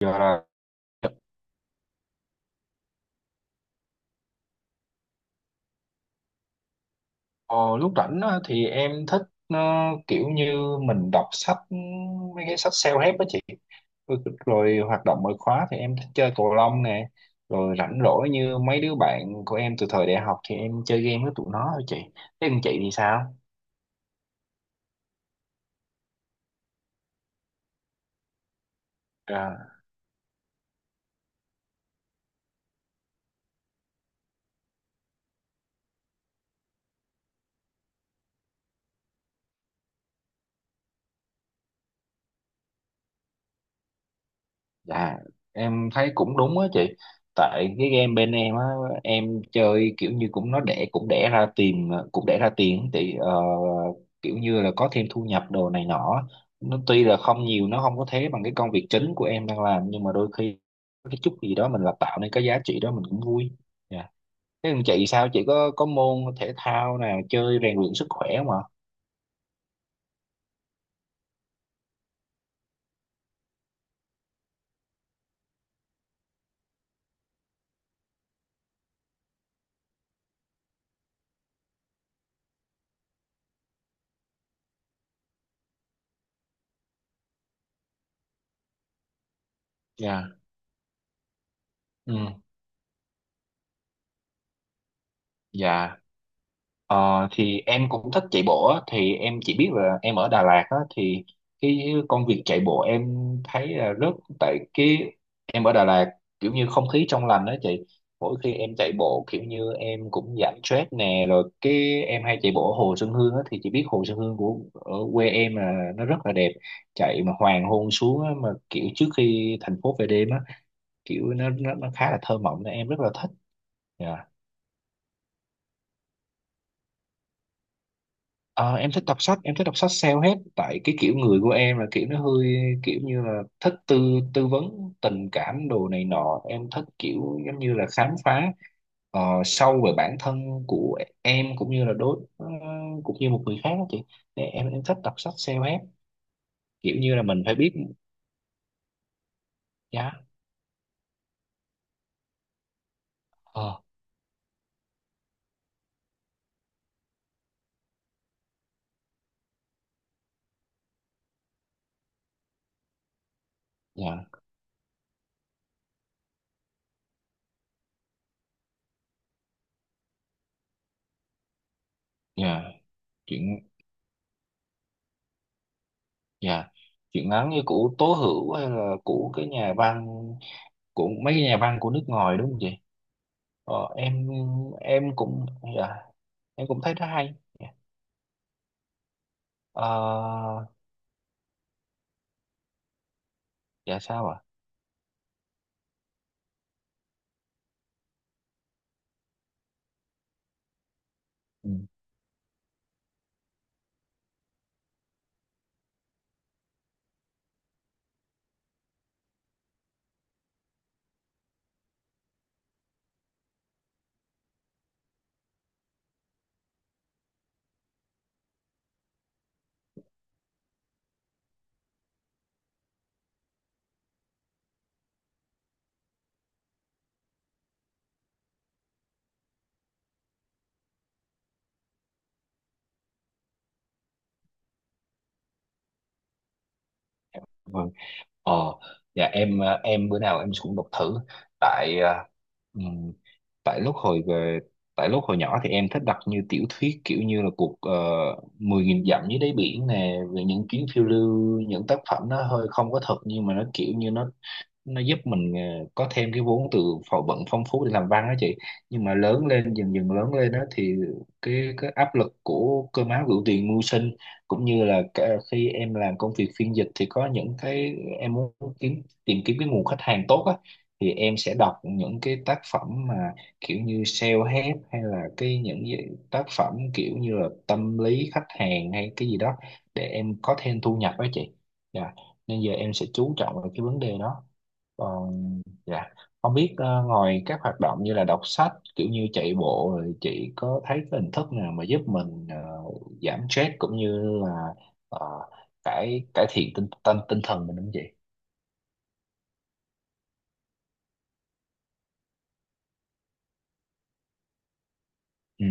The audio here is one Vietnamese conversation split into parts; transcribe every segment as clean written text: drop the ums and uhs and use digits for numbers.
Giờ là ờ, lúc rảnh á, thì em thích ờ, kiểu như mình đọc sách mấy cái sách self-help đó chị. rồi, rồi hoạt động ngoại khóa thì em thích chơi cầu lông nè. Rồi rảnh rỗi như mấy đứa bạn của em từ thời đại học thì em chơi game với tụi nó thôi chị. Thế còn chị thì sao? À. Dạ, em thấy cũng đúng á chị. Tại cái game bên em á, em chơi kiểu như cũng nó đẻ cũng đẻ ra tiền thì kiểu như là có thêm thu nhập đồ này nọ. Nó tuy là không nhiều, nó không có thế bằng cái công việc chính của em đang làm, nhưng mà đôi khi có cái chút gì đó mình là tạo nên cái giá trị đó, mình cũng vui. Dạ. Thế còn chị sao? Chị có môn thể thao nào chơi rèn luyện sức khỏe không ạ? Dạ. Ừ. Dạ. Ờ, thì em cũng thích chạy bộ á, thì em chỉ biết là em ở Đà Lạt á, thì cái công việc chạy bộ em thấy là rất. Tại cái em ở Đà Lạt, kiểu như không khí trong lành đó chị. Mỗi khi em chạy bộ kiểu như em cũng giảm stress nè, rồi cái em hay chạy bộ ở Hồ Xuân Hương á, thì chị biết Hồ Xuân Hương của ở quê em là nó rất là đẹp. Chạy mà hoàng hôn xuống á, mà kiểu trước khi thành phố về đêm á, kiểu nó khá là thơ mộng nên em rất là thích. Dạ. Ờ, em thích đọc sách, em thích đọc sách self-help, tại cái kiểu người của em là kiểu nó hơi kiểu như là thích tư tư vấn tình cảm đồ này nọ. Em thích kiểu giống như là khám phá sâu về bản thân của em, cũng như là đối cũng như một người khác đó chị. Nè, em thích đọc sách self-help, kiểu như là mình phải biết giá. ờ dạ, dạ. chuyện dạ Chuyện ngắn như của Tố Hữu, hay là của cái nhà văn, của mấy cái nhà văn của nước ngoài, đúng không chị? Ờ, em em cũng, dạ, em cũng thấy nó hay. Dạ. Ờ, dạ, sao ạ? Ừ, vâng. ờ dạ. Em, bữa nào em cũng đọc thử. Tại ờ, ừm, tại lúc hồi về tại lúc hồi nhỏ thì em thích đọc như tiểu thuyết, kiểu như là cuộc, 10.000 dặm dưới đáy biển nè, về những chuyến phiêu lưu. Những tác phẩm nó hơi không có thật, nhưng mà nó kiểu như nó giúp mình có thêm cái vốn từ phò vận phong phú để làm văn đó chị. Nhưng mà lớn lên, dần dần lớn lên đó, thì cái áp lực của cơm áo gạo tiền mưu sinh, cũng như là cả khi em làm công việc phiên dịch, thì có những cái em muốn tìm kiếm cái nguồn khách hàng tốt á, thì em sẽ đọc những cái tác phẩm mà kiểu như self-help, hay là những cái tác phẩm kiểu như là tâm lý khách hàng hay cái gì đó, để em có thêm thu nhập đó chị. Dạ. Nên giờ em sẽ chú trọng vào cái vấn đề đó. Còn, dạ, không biết ngoài các hoạt động như là đọc sách, kiểu như chạy bộ, rồi chị có thấy cái hình thức nào mà giúp mình giảm stress, cũng như là ờ, cải cải thiện tinh tinh tinh thần mình không chị? Ừ.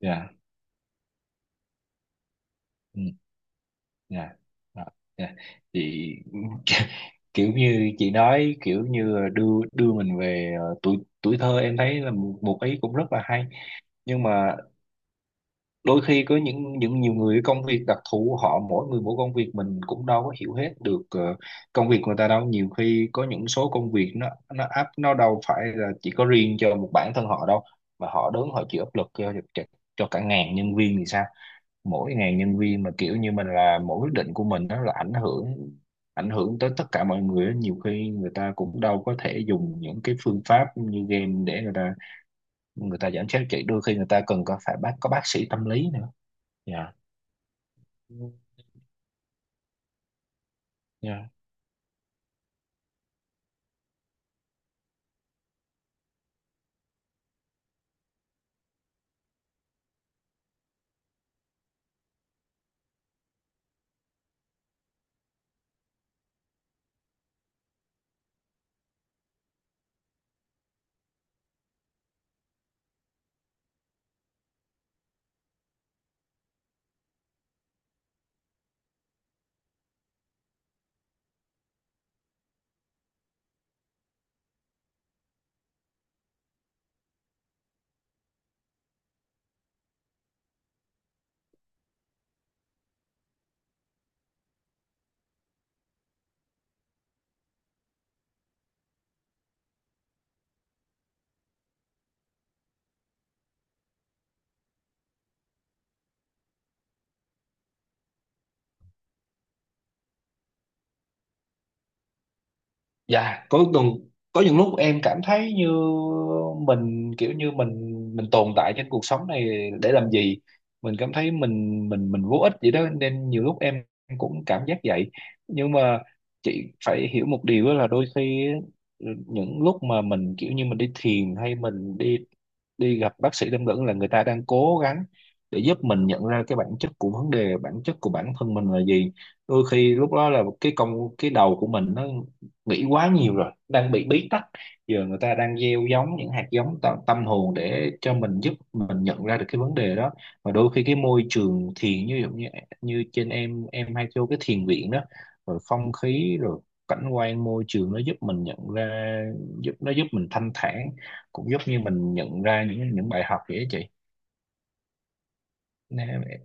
Dạ. Ừ. Dạ. Đó, dạ chị. Kiểu như chị nói kiểu như đưa đưa mình về tuổi, tuổi thơ, em thấy là một ý cũng rất là hay. Nhưng mà đôi khi có những nhiều người công việc đặc thù, họ mỗi người mỗi công việc, mình cũng đâu có hiểu hết được công việc người ta đâu. Nhiều khi có những số công việc nó áp, nó đâu phải là chỉ có riêng cho một bản thân họ đâu, mà họ đứng họ chịu áp lực cho cho cả ngàn nhân viên thì sao? Mỗi ngàn nhân viên mà kiểu như mình là, mỗi quyết định của mình nó là ảnh hưởng, ảnh hưởng tới tất cả mọi người á. Nhiều khi người ta cũng đâu có thể dùng những cái phương pháp như game để người ta, người ta giảm stress. Chỉ đôi khi người ta cần có phải bác, có bác sĩ tâm lý nữa. Dạ. Ừ, dạ. Dạ, có, từng có những lúc em cảm thấy như mình kiểu như mình tồn tại trên cuộc sống này để làm gì. Mình cảm thấy mình vô ích vậy đó, nên nhiều lúc em cũng cảm giác vậy. Nhưng mà chị phải hiểu một điều đó là, đôi khi những lúc mà mình kiểu như mình đi thiền hay mình đi đi gặp bác sĩ tâm vấn, là người ta đang cố gắng để giúp mình nhận ra cái bản chất của vấn đề, bản chất của bản thân mình là gì. Đôi khi lúc đó là cái công, cái đầu của mình nó nghĩ quá nhiều rồi, đang bị bí tắc, giờ người ta đang gieo giống những hạt giống tâm hồn để cho mình, giúp mình nhận ra được cái vấn đề đó. Và đôi khi cái môi trường thiền, giống như, như trên, em hay vô cái thiền viện đó, rồi không khí, rồi cảnh quan, môi trường, nó giúp mình nhận ra, nó giúp mình thanh thản, cũng giúp như mình nhận ra những bài học vậy đó chị. Nên em-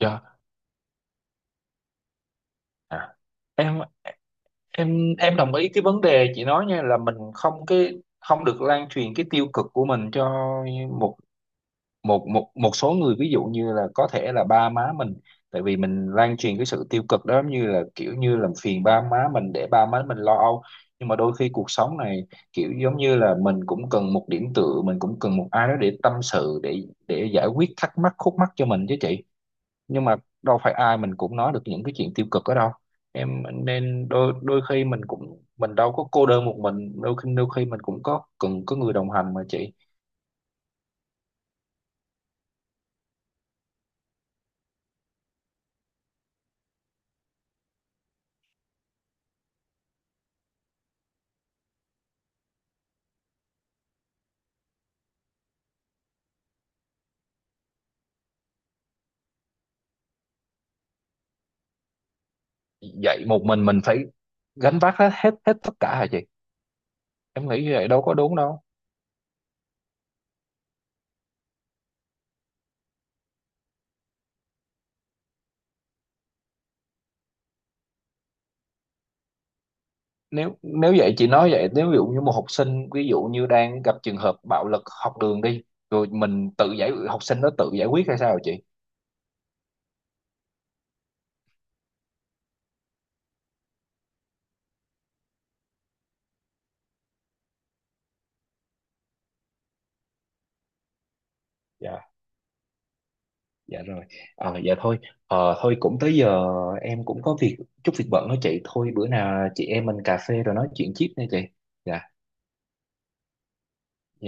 dạ. À. Em, em đồng ý cái vấn đề chị nói nha, là mình không, cái không được lan truyền cái tiêu cực của mình cho một, một số người, ví dụ như là có thể là ba má mình. Tại vì mình lan truyền cái sự tiêu cực đó, giống như là kiểu như làm phiền ba má mình, để ba má mình lo âu. Nhưng mà đôi khi cuộc sống này, kiểu giống như là mình cũng cần một điểm tựa, mình cũng cần một ai đó để tâm sự, để giải quyết thắc mắc khúc mắc cho mình chứ chị. Nhưng mà đâu phải ai mình cũng nói được những cái chuyện tiêu cực ở đâu em, nên đôi đôi khi mình cũng mình đâu có cô đơn một mình. Đôi khi mình cũng có cần có người đồng hành mà chị. Vậy một mình phải gánh vác hết hết hết tất cả hả chị? Em nghĩ như vậy đâu có đúng đâu. Nếu nếu vậy chị nói vậy, nếu ví dụ như một học sinh, ví dụ như đang gặp trường hợp bạo lực học đường đi, rồi mình tự giải, học sinh nó tự giải quyết hay sao hả chị? Dạ. Dạ rồi. Dạ thôi. Thôi cũng tới giờ, em cũng có việc, chút việc bận đó chị. Thôi bữa nào chị em mình cà phê rồi nói chuyện tiếp nha chị. Dạ. Dạ.